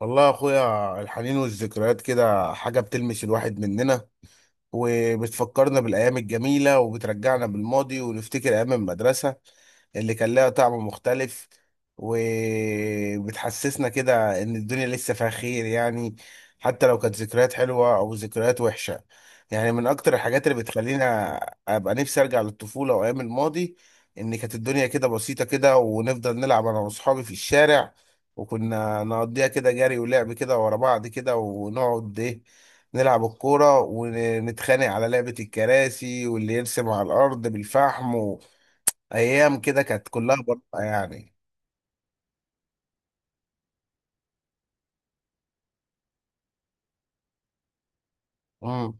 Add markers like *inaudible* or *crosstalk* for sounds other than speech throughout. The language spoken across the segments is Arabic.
والله يا اخويا، الحنين والذكريات كده حاجة بتلمس الواحد مننا، وبتفكرنا بالأيام الجميلة وبترجعنا بالماضي ونفتكر أيام المدرسة اللي كان لها طعم مختلف، وبتحسسنا كده إن الدنيا لسه فيها خير يعني. حتى لو كانت ذكريات حلوة أو ذكريات وحشة، يعني من أكتر الحاجات اللي بتخلينا أبقى نفسي أرجع للطفولة وأيام الماضي. إن كانت الدنيا كده بسيطة كده ونفضل نلعب أنا وأصحابي في الشارع، وكنا نقضيها كده جري ولعب كده ورا بعض كده ونقعد إيه، نلعب الكورة ونتخانق على لعبة الكراسي واللي يرسم على الأرض بالفحم، وأيام كده كانت كلها براءة يعني. مم.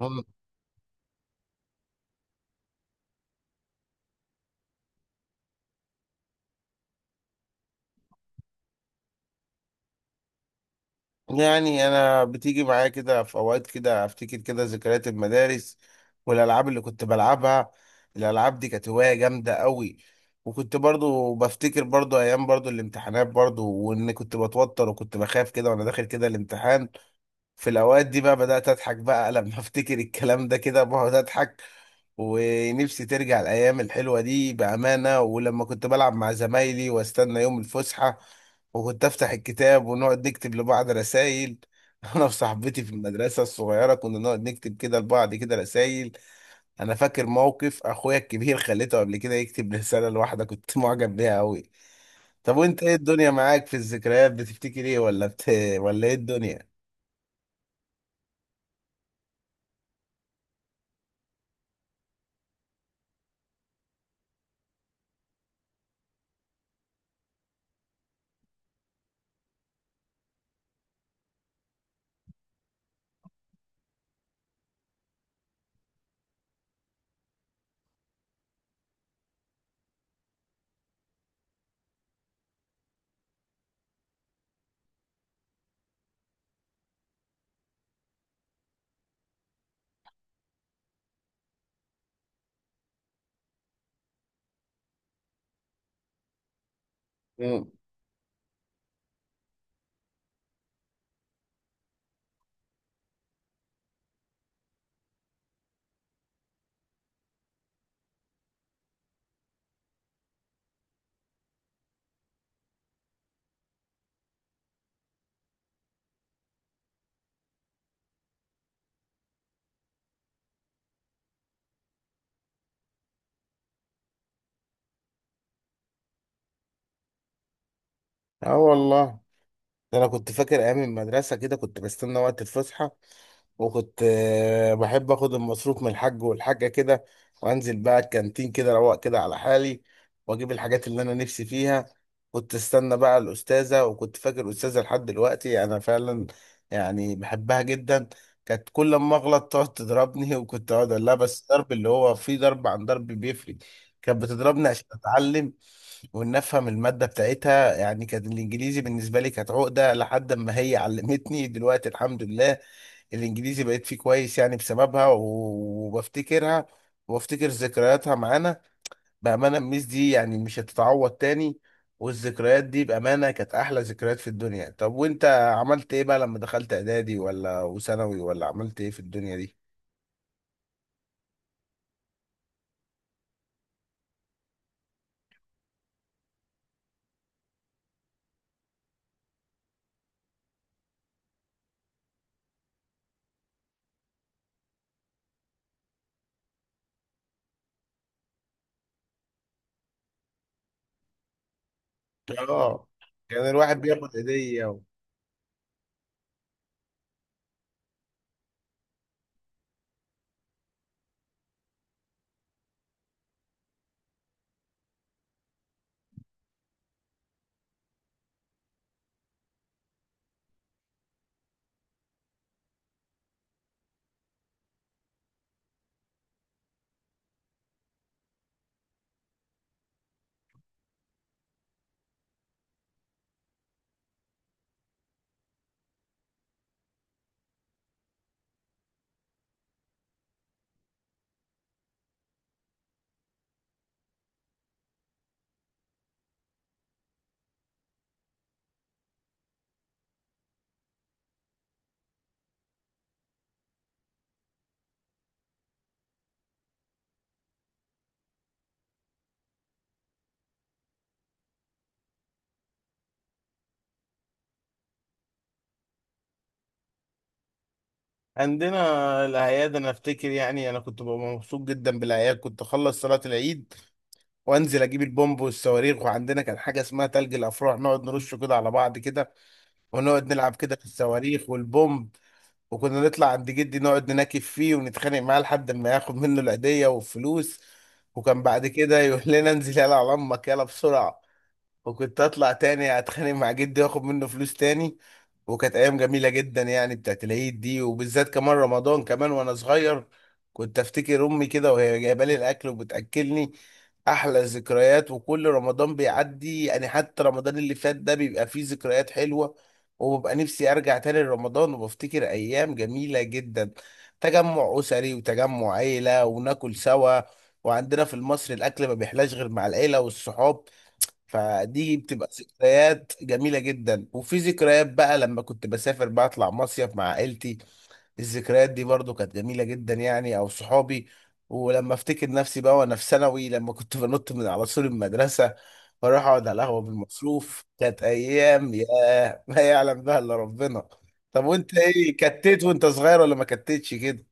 مم. يعني أنا بتيجي معايا كده في أوقات كده أفتكر كده ذكريات المدارس والألعاب اللي كنت بلعبها. الألعاب دي كانت هواية جامدة قوي. وكنت برضو بفتكر برضو أيام برضو الامتحانات برضو وإن كنت بتوتر وكنت بخاف كده وأنا داخل كده الامتحان. في الأوقات دي بقى بدأت أضحك بقى *laughs* لما أفتكر الكلام ده كده بقعد أضحك. ونفسي ترجع الايام الحلوه دي بامانه، ولما كنت بلعب مع زمايلي واستنى يوم الفسحه وكنت افتح الكتاب ونقعد نكتب لبعض رسائل. *laughs* انا وصاحبتي في المدرسه الصغيره كنا نقعد نكتب كده لبعض كده رسائل. انا فاكر موقف اخويا الكبير، خليته قبل كده يكتب رساله لواحده كنت *laughs* معجب بيها قوي. طب وانت ايه الدنيا معاك في الذكريات؟ بتفتكر ايه؟ *laughs* ولا ايه الدنيا؟ مم. اه والله، ده انا كنت فاكر ايام المدرسه كده كنت بستنى وقت الفسحه، وكنت بحب اخد المصروف من الحاج والحاجه كده وانزل بقى الكانتين كده روق كده على حالي واجيب الحاجات اللي انا نفسي فيها. كنت استنى بقى الاستاذه، وكنت فاكر استاذه لحد دلوقتي انا فعلا، يعني بحبها جدا. كانت كل ما اغلط تقعد تضربني *laughs* وكنت اقعد اقول لها بس ضرب اللي هو فيه ضرب عن ضرب بيفرق. كانت بتضربني عشان اتعلم وان افهم الماده بتاعتها يعني. كان الانجليزي بالنسبه لي كانت عقده لحد ما هي علمتني دلوقتي، الحمد لله الانجليزي بقيت فيه كويس يعني بسببها وبفتكرها وبفتكر ذكرياتها معانا. بامانه الميس دي يعني مش هتتعوض تاني، والذكريات دي بامانه كانت احلى ذكريات في الدنيا. طب وانت عملت ايه بقى لما دخلت اعدادي ولا وثانوي ولا عملت ايه في الدنيا دي؟ اه، كان الواحد بياخد هديه. عندنا الأعياد، أنا أفتكر يعني أنا كنت ببقى مبسوط جدا بالأعياد، كنت أخلص صلاة العيد وأنزل أجيب البومب والصواريخ، وعندنا كان حاجة اسمها تلج الأفراح نقعد نرش كده على بعض كده ونقعد نلعب كده في الصواريخ والبومب. وكنا نطلع عند جدي نقعد نناكف فيه ونتخانق معاه لحد ما ياخد منه العيدية والفلوس، وكان بعد كده يقول لنا انزل يلا على أمك يلا بسرعة، وكنت اطلع تاني اتخانق مع جدي واخد منه فلوس تاني. وكانت ايام جميله جدا يعني بتاعت العيد دي. وبالذات كمان رمضان كمان وانا صغير كنت افتكر امي كده وهي جايبه لي الاكل وبتاكلني. احلى ذكريات، وكل رمضان بيعدي يعني حتى رمضان اللي فات ده بيبقى فيه ذكريات حلوه. وببقى نفسي ارجع تاني لرمضان وبفتكر ايام جميله جدا، تجمع اسري وتجمع عيله وناكل سوا. وعندنا في مصر الاكل ما بيحلاش غير مع العيله والصحاب، فدي بتبقى ذكريات جميلة جدا. وفي ذكريات بقى لما كنت بسافر بطلع مصيف مع عائلتي، الذكريات دي برضو كانت جميلة جدا يعني، او صحابي. ولما افتكر نفسي بقى وانا في ثانوي لما كنت *laughs* بنط من على سور المدرسة واروح اقعد على القهوة بالمصروف، كانت ايام ياه *laughs* ما يعلم بها الا ربنا. طب وانت ايه كتت وانت صغير ولا ما كتتش كده؟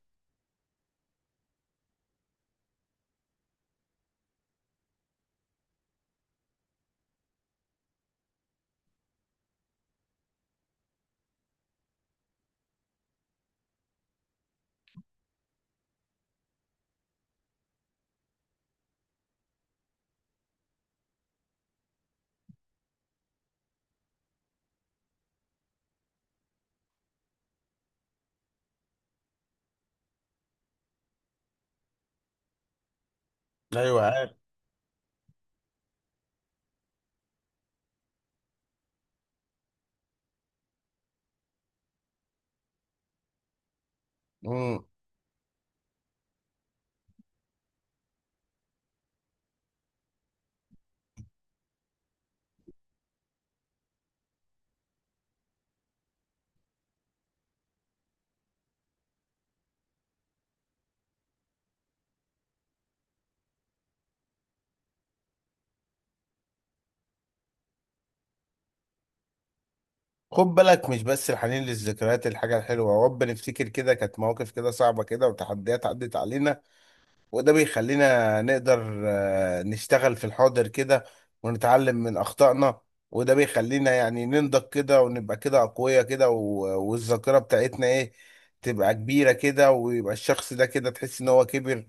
ايوه. عارف، خد بالك مش بس الحنين للذكريات الحاجة الحلوة، ورب نفتكر كده كانت مواقف كده صعبة كده وتحديات عدت علينا، وده بيخلينا نقدر نشتغل في الحاضر كده ونتعلم من أخطائنا. وده بيخلينا يعني ننضج كده ونبقى كده أقوياء كده والذاكرة بتاعتنا إيه، تبقى كبيرة كده ويبقى الشخص ده كده تحس إن هو كبر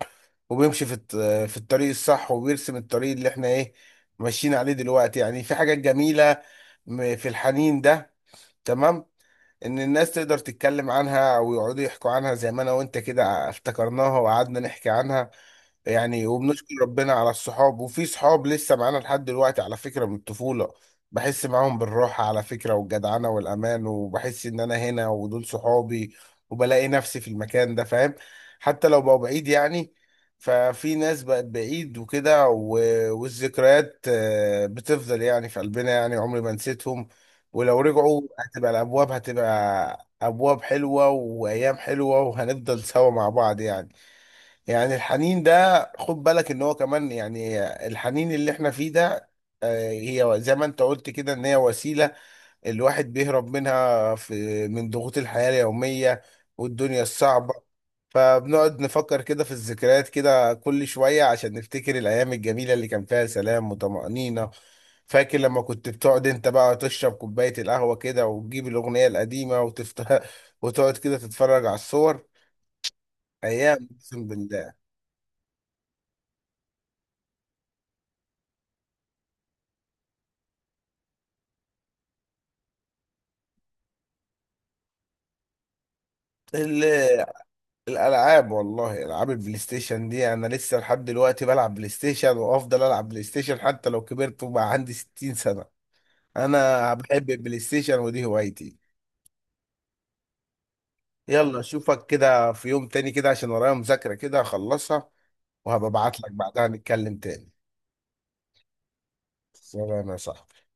وبيمشي في في الطريق الصح وبيرسم الطريق اللي إحنا إيه ماشيين عليه دلوقتي يعني. في حاجات جميلة في الحنين ده تمام، ان الناس تقدر تتكلم عنها او يقعدوا يحكوا عنها زي ما انا وانت كده افتكرناها وقعدنا نحكي عنها يعني. وبنشكر ربنا على الصحاب، وفي صحاب لسه معانا لحد دلوقتي على فكرة من الطفولة، بحس معاهم بالراحة على فكرة والجدعنة والأمان، وبحس إن أنا هنا ودول صحابي وبلاقي نفسي في المكان ده فاهم، حتى لو بقوا بعيد يعني. ففي ناس بقت بعيد وكده والذكريات بتفضل يعني في قلبنا يعني عمري ما نسيتهم، ولو رجعوا هتبقى الأبواب هتبقى أبواب حلوة وأيام حلوة وهنفضل سوا مع بعض يعني. يعني الحنين ده خد بالك ان هو كمان يعني، الحنين اللي احنا فيه ده هي زي ما انت قلت كده ان هي وسيلة الواحد بيهرب منها في من ضغوط الحياة اليومية والدنيا الصعبة. فبنقعد نفكر كده في الذكريات كده كل شوية عشان نفتكر الأيام الجميلة اللي كان فيها سلام وطمأنينة. فاكر لما كنت بتقعد انت بقى تشرب كوباية القهوة كده وتجيب الأغنية القديمة وتفتح *laughs* وتقعد كده تتفرج على الصور، أيام أقسم بالله. الالعاب، والله العاب البلاي ستيشن دي انا لسه لحد دلوقتي بلعب بلاي ستيشن وافضل العب بلاي ستيشن حتى لو كبرت وبقى عندي 60 سنة. انا بحب البلاي ستيشن ودي هوايتي. يلا اشوفك كده في يوم تاني كده عشان ورايا مذاكرة كده اخلصها، وهبقى ابعت لك بعدها نتكلم تاني. سلام يا صاحبي.